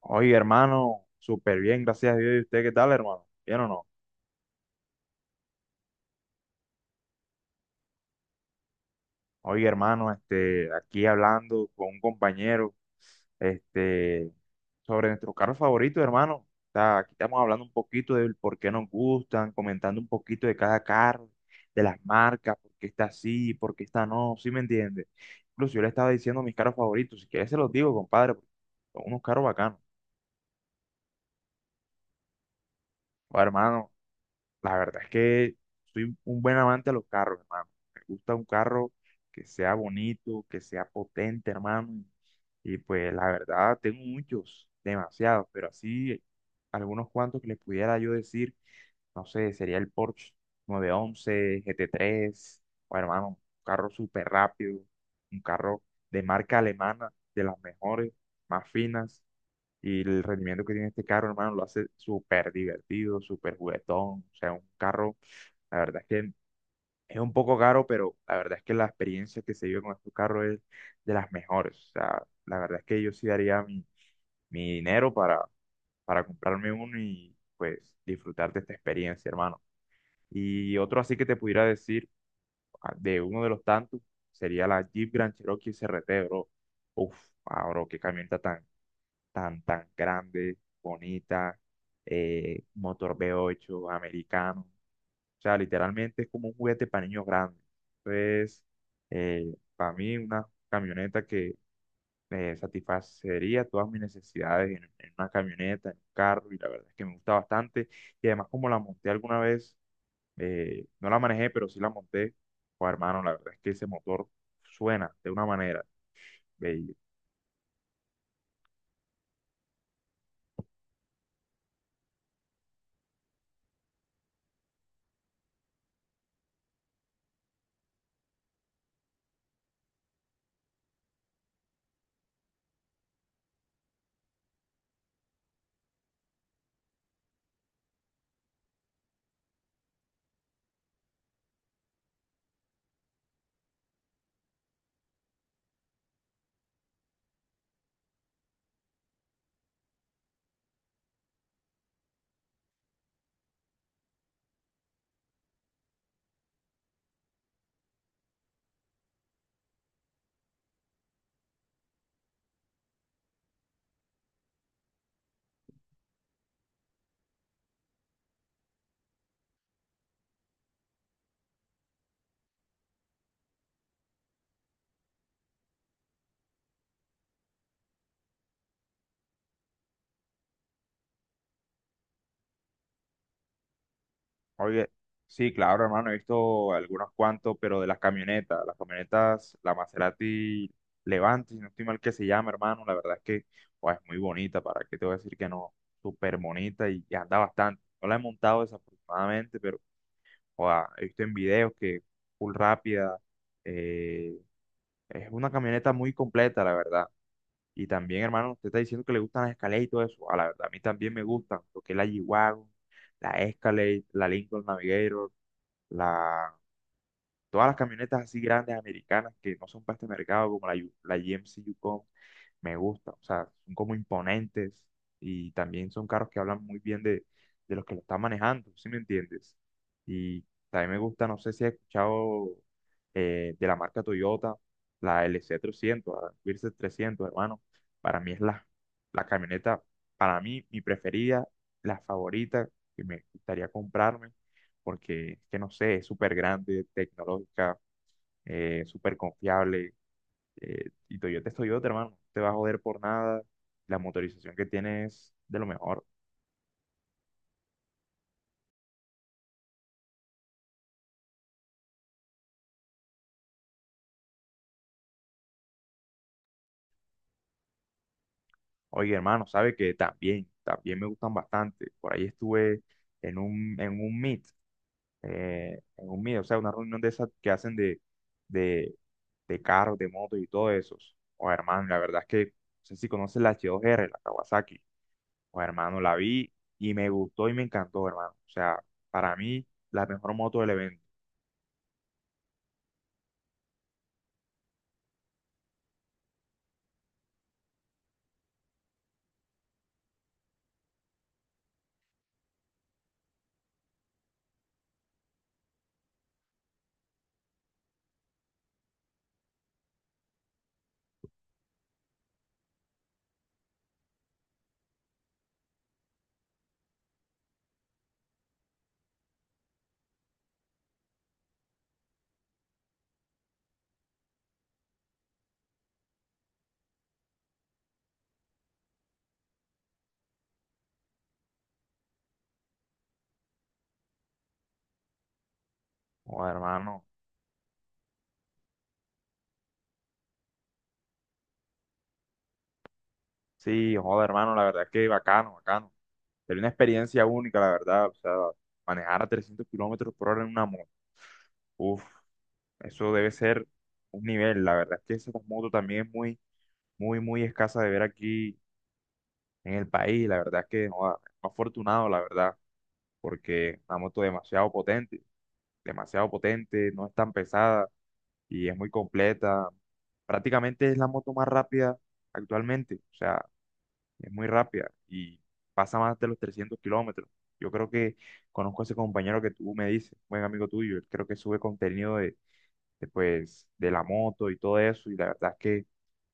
Oye, hermano, súper bien, gracias a Dios. ¿Y usted qué tal, hermano? ¿Bien o no? Oye, hermano, aquí hablando con un compañero, este, sobre nuestros carros favoritos, hermano. O sea, aquí estamos hablando un poquito del por qué nos gustan, comentando un poquito de cada carro, de las marcas, por qué está así, por qué está no, ¿sí me entiende? Incluso yo le estaba diciendo mis carros favoritos, si quieres se los digo, compadre, porque son unos carros bacanos. Bueno, hermano, la verdad es que soy un buen amante a los carros, hermano. Me gusta un carro que sea bonito, que sea potente, hermano. Y pues la verdad, tengo muchos, demasiados, pero así algunos cuantos que les pudiera yo decir, no sé, sería el Porsche 911, GT3, o hermano, un carro súper rápido, un carro de marca alemana, de las mejores, más finas. Y el rendimiento que tiene este carro, hermano, lo hace súper divertido, súper juguetón. O sea, un carro, la verdad es que es un poco caro, pero la verdad es que la experiencia que se vive con estos carros es de las mejores. O sea, la verdad es que yo sí daría mi dinero para comprarme uno y pues disfrutar de esta experiencia, hermano. Y otro así que te pudiera decir, ah, de uno de los tantos, sería la Jeep Grand Cherokee SRT, bro. Uf, ah, bro, qué camioneta tan grande, bonita, motor V8 americano. O sea, literalmente es como un juguete para niños grandes. Entonces, para mí una camioneta que satisfacería todas mis necesidades en una camioneta, en un carro, y la verdad es que me gusta bastante. Y además como la monté alguna vez, no la manejé, pero sí la monté, pues hermano, la verdad es que ese motor suena de una manera. Ve, Oye, sí, claro, hermano, he visto algunos cuantos, pero de las camionetas, la Maserati Levante, si no estoy mal que se llama, hermano, la verdad es que oh, es muy bonita, ¿para qué te voy a decir que no? Súper bonita y anda bastante. No la he montado desafortunadamente, pero oh, he visto en videos que full rápida, eh, es una camioneta muy completa, la verdad. Y también, hermano, usted está diciendo que le gustan las Escalade y todo eso, a la verdad, a mí también me gustan, lo que es la g la Escalade, la Lincoln Navigator la, todas las camionetas así grandes americanas que no son para este mercado, como la, la GMC Yukon, me gusta. O sea, son como imponentes y también son carros que hablan muy bien de los que lo están manejando, ¿sí me entiendes? Y también me gusta, no sé si has escuchado de la marca Toyota, la LC300, la Versa 300, hermano. Para mí es la camioneta, para mí, mi preferida, la favorita que me gustaría comprarme, porque es que no sé, es súper grande, tecnológica, súper confiable, y Toyota es Toyota, hermano. No te va a joder por nada. La motorización que tiene es de lo mejor. Oye, hermano, sabe que también, también me gustan bastante. Por ahí estuve en un meet, en un meet, o sea, una reunión de esas que hacen de, de carros, de motos y todo eso. O hermano, la verdad es que, no sé si conoces la H2R, la Kawasaki. O hermano, la vi y me gustó y me encantó, hermano. O sea, para mí, la mejor moto del evento. O hermano. Sí, joder, hermano, la verdad que bacano, bacano. Sería una experiencia única, la verdad. O sea, manejar a 300 kilómetros por hora en una moto. Uf, eso debe ser un nivel. La verdad es que esa moto también es muy, muy, muy escasa de ver aquí en el país. La verdad es que, joder, afortunado, la verdad, porque una moto demasiado potente, no es tan pesada y es muy completa. Prácticamente es la moto más rápida actualmente. O sea, es muy rápida y pasa más de los 300 kilómetros. Yo creo que conozco a ese compañero que tú me dices, buen amigo tuyo, él creo que sube contenido de la moto y todo eso, y la verdad es que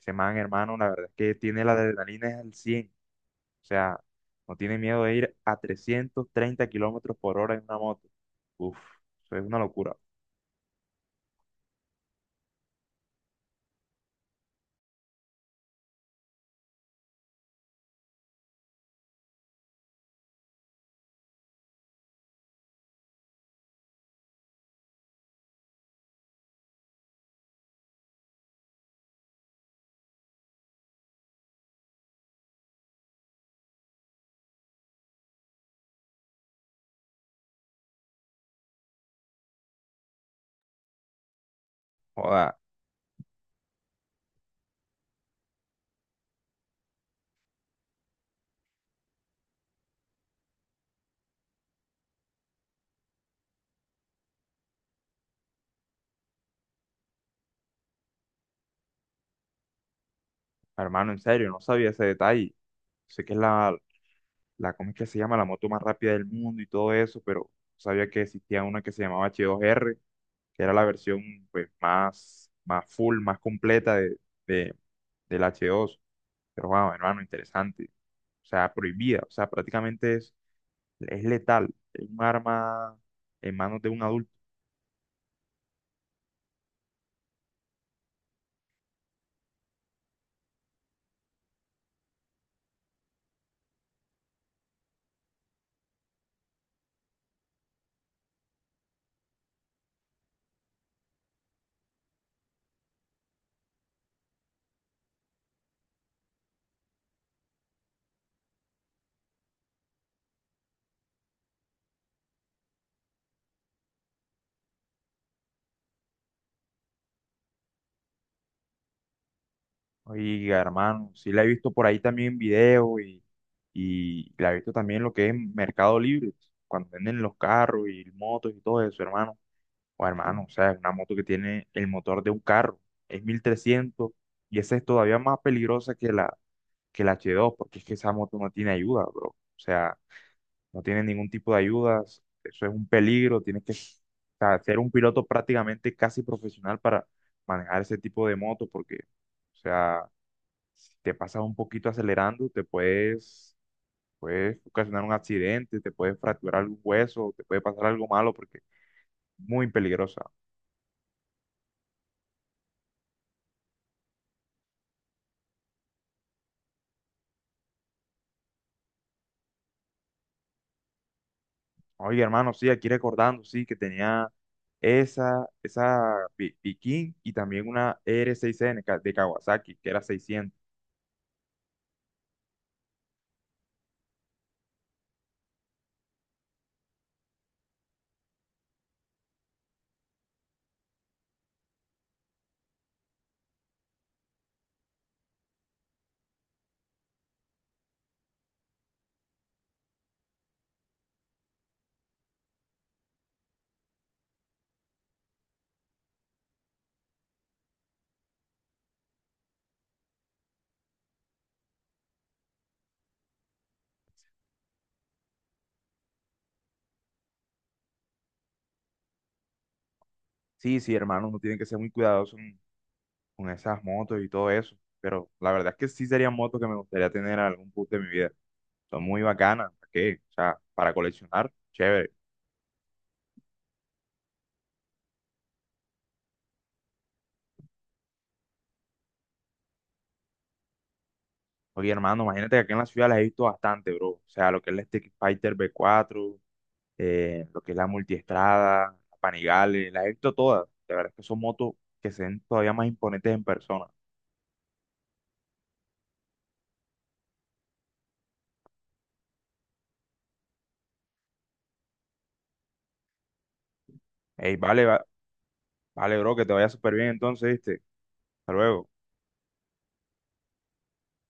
ese man, hermano, la verdad es que tiene la adrenalina al cien, o sea, no tiene miedo de ir a 330 kilómetros por hora en una moto. Uf, eso es una locura. Joda, hermano, en serio, no sabía ese detalle. Sé que es la, ¿cómo es que se llama? La moto más rápida del mundo y todo eso, pero sabía que existía una que se llamaba H2R, que era la versión pues más full, más completa de- del H2. Pero wow, hermano, interesante. O sea, prohibida, o sea, prácticamente es letal, es un arma en manos de un adulto. Oiga, hermano, sí la he visto por ahí también en video y la he visto también en lo que es Mercado Libre, cuando venden los carros y motos y todo eso, hermano. O hermano, o sea, es una moto que tiene el motor de un carro, es 1300 y esa es todavía más peligrosa que la, H2 porque es que esa moto no tiene ayuda, bro. O sea, no tiene ningún tipo de ayudas, eso es un peligro, tienes que o sea, ser un piloto prácticamente casi profesional para manejar ese tipo de moto porque, o sea, si te pasas un poquito acelerando, te puedes ocasionar un accidente, te puedes fracturar algún hueso, te puede pasar algo malo porque es muy peligrosa. Oye, hermano, sí, aquí recordando, sí, que tenía esa Piquín y también una R6N de Kawasaki, que era 600. Sí, sí, hermano, uno tiene que ser muy cuidadoso con esas motos y todo eso. Pero la verdad es que sí serían motos que me gustaría tener en algún punto de mi vida. Son muy bacanas, ¿para qué? O sea, para coleccionar, chévere. Oye, hermano, imagínate que aquí en la ciudad las he visto bastante, bro. O sea, lo que es la Street Fighter V4, lo que es la multiestrada, la Panigale, la he visto todas. La verdad es que son motos que se ven todavía más imponentes en persona. Ey, vale, vale, bro, que te vaya súper bien entonces, ¿viste? Hasta luego.